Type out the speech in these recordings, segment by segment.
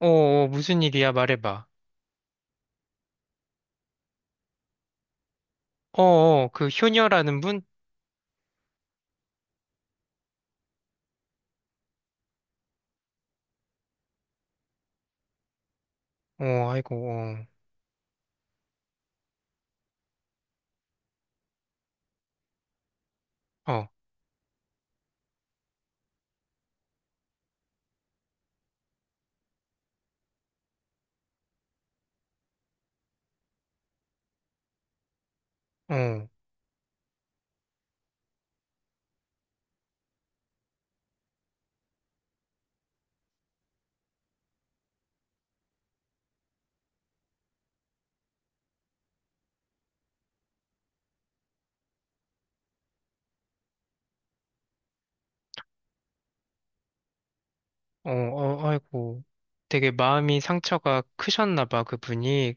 무슨 일이야? 말해봐. 그 효녀라는 분? 어, 아이고, 어, 어, 어, 어, 어, 아이고. 되게 마음이 상처가 크셨나 봐, 그분이.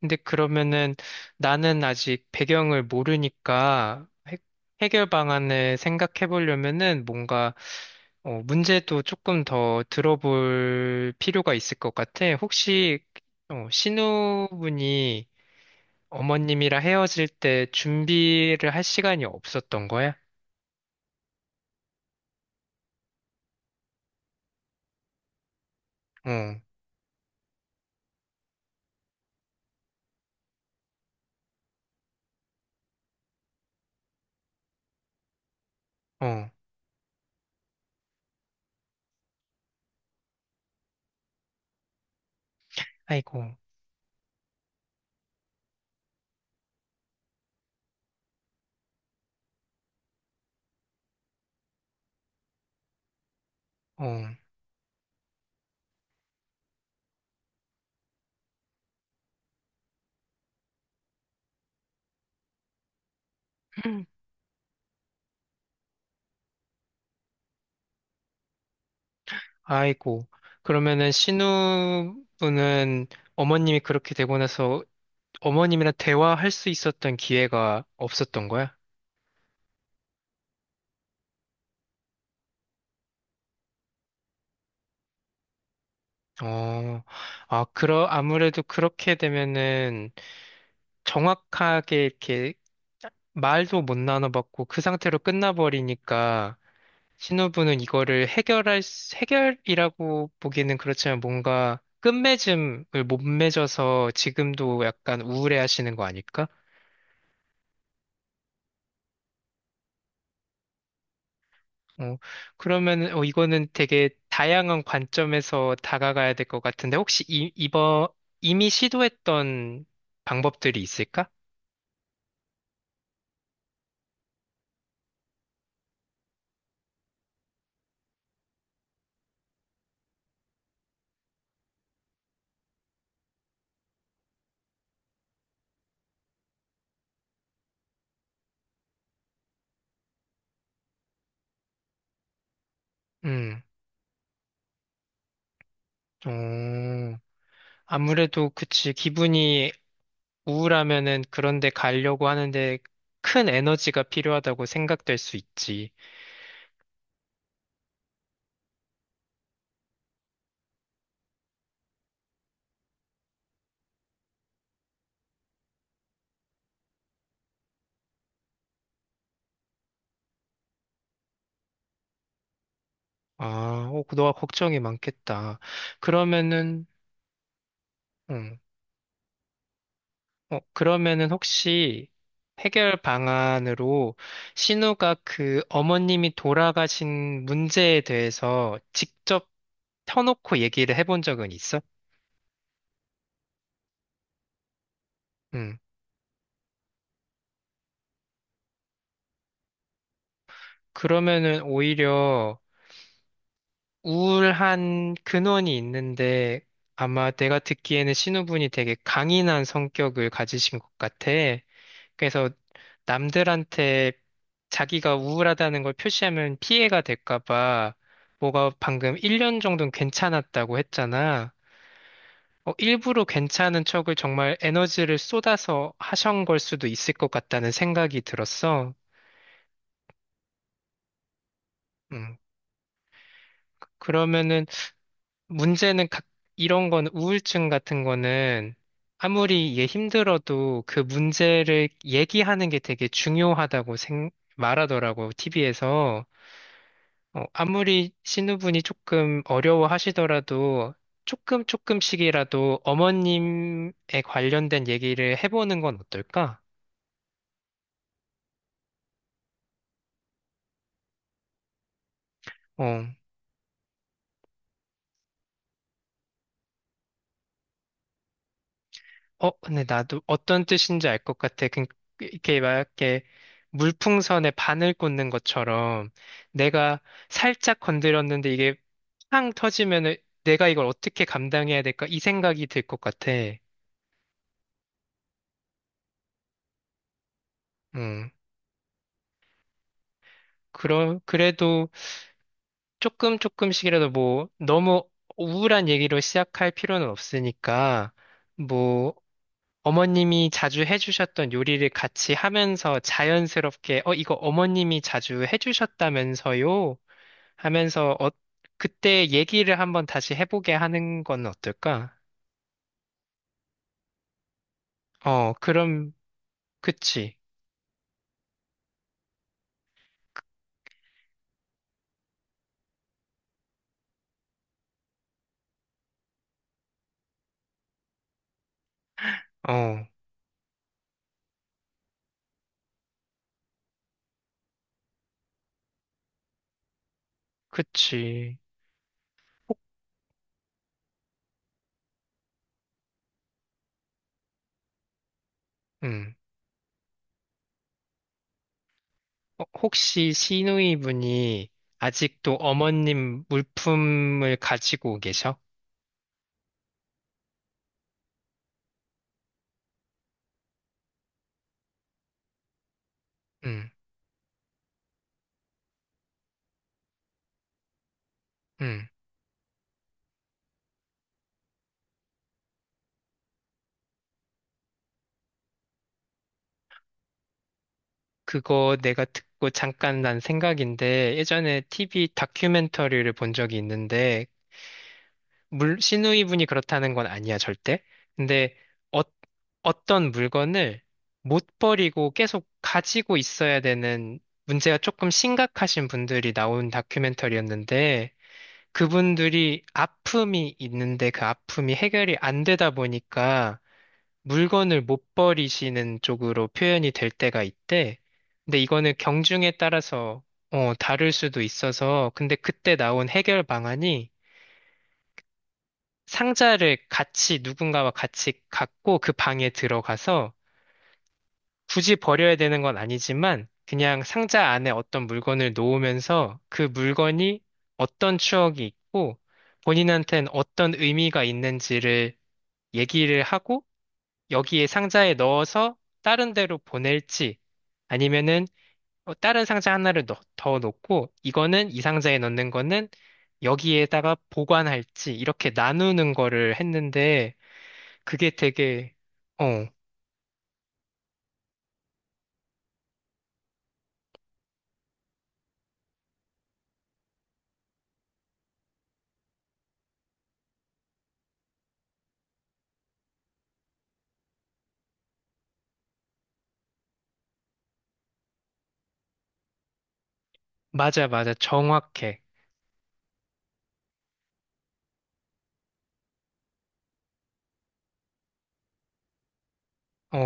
근데 그러면은 나는 아직 배경을 모르니까 해결 방안을 생각해 보려면은 뭔가 문제도 조금 더 들어볼 필요가 있을 것 같아. 혹시 어, 신우분이 어머님이랑 헤어질 때 준비를 할 시간이 없었던 거야? 어, 어, 아이고, 어, 아이고. 그러면은 신우분은 어머님이 그렇게 되고 나서 어머님이랑 대화할 수 있었던 기회가 없었던 거야? 어, 아무래도 그렇게 되면은 정확하게 이렇게 말도 못 나눠봤고 그 상태로 끝나버리니까 신호부는 이거를 해결이라고 보기는 그렇지만 뭔가 끝맺음을 못 맺어서 지금도 약간 우울해 하시는 거 아닐까? 어, 그러면, 어, 이거는 되게 다양한 관점에서 다가가야 될 것 같은데, 혹시 이번, 이미 시도했던 방법들이 있을까? 음, 어, 아무래도 그치. 기분이 우울하면은 그런데 가려고 하는데 큰 에너지가 필요하다고 생각될 수 있지. 아, 어, 그 너가 걱정이 많겠다. 그러면은, 음, 어, 그러면은 혹시 해결 방안으로 신우가 그 어머님이 돌아가신 문제에 대해서 직접 터놓고 얘기를 해본 적은 있어? 음, 그러면은 오히려 우울한 근원이 있는데 아마 내가 듣기에는 신우분이 되게 강인한 성격을 가지신 것 같아. 그래서 남들한테 자기가 우울하다는 걸 표시하면 피해가 될까 봐 뭐가 방금 1년 정도는 괜찮았다고 했잖아. 어, 일부러 괜찮은 척을 정말 에너지를 쏟아서 하신 걸 수도 있을 것 같다는 생각이 들었어. 음, 그러면은 문제는 이런 건 우울증 같은 거는 아무리 얘 힘들어도 그 문제를 얘기하는 게 되게 중요하다고 말하더라고, TV에서. 아무리 신우분이 조금 어려워하시더라도 조금 조금씩이라도 어머님에 관련된 얘기를 해보는 건 어떨까? 어. 어, 근데 나도 어떤 뜻인지 알 것 같아. 그, 이렇게 막 이렇게 물풍선에 바늘 꽂는 것처럼 내가 살짝 건드렸는데 이게 팡 터지면은 내가 이걸 어떻게 감당해야 될까? 이 생각이 들 것 같아. 음. 그럼, 그래도 조금 조금씩이라도 뭐 너무 우울한 얘기로 시작할 필요는 없으니까 뭐 어머님이 자주 해주셨던 요리를 같이 하면서 자연스럽게, 어, 이거 어머님이 자주 해주셨다면서요? 하면서, 어, 그때 얘기를 한번 다시 해보게 하는 건 어떨까? 어, 그럼, 그치. 어, 그치. 혹, 음. 어, 혹시 시누이분이 아직도 어머님 물품을 가지고 계셔? 음, 음. 그거 내가 듣고 잠깐 난 생각인데 예전에 TV 다큐멘터리를 본 적이 있는데 물 시누이 분이 그렇다는 건 아니야 절대. 근데 어, 어떤 물건을 못 버리고 계속 가지고 있어야 되는 문제가 조금 심각하신 분들이 나온 다큐멘터리였는데 그분들이 아픔이 있는데 그 아픔이 해결이 안 되다 보니까 물건을 못 버리시는 쪽으로 표현이 될 때가 있대. 근데 이거는 경중에 따라서 어, 다를 수도 있어서 근데 그때 나온 해결 방안이 상자를 같이 누군가와 같이 갖고 그 방에 들어가서 굳이 버려야 되는 건 아니지만 그냥 상자 안에 어떤 물건을 놓으면서 그 물건이 어떤 추억이 있고 본인한테는 어떤 의미가 있는지를 얘기를 하고 여기에 상자에 넣어서 다른 데로 보낼지 아니면은 어, 다른 상자 하나를 더 넣고 이거는 이 상자에 넣는 거는 여기에다가 보관할지 이렇게 나누는 거를 했는데 그게 되게 어 맞아 맞아 정확해 어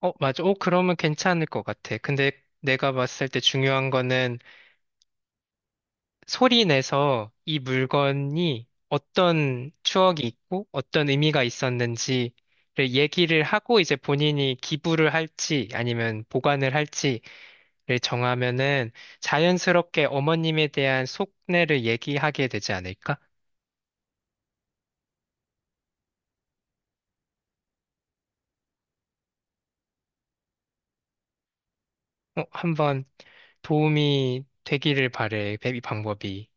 어 맞아 어 그러면 괜찮을 것 같아 근데 내가 봤을 때 중요한 거는 소리 내서 이 물건이 어떤 추억이 있고 어떤 의미가 있었는지를 얘기를 하고 이제 본인이 기부를 할지 아니면 보관을 할지를 정하면은 자연스럽게 어머님에 대한 속내를 얘기하게 되지 않을까? 어, 한번 도움이 되기를 바래, 베비 방법이.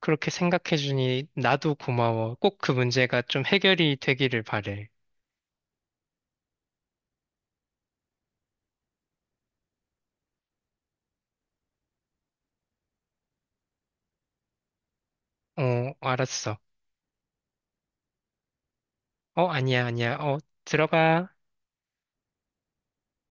그렇게 생각해주니 나도 고마워. 꼭 그 문제가 좀 해결이 되기를 바래. 어, 알았어. 어, 아니야, 아니야. 어, 들어가.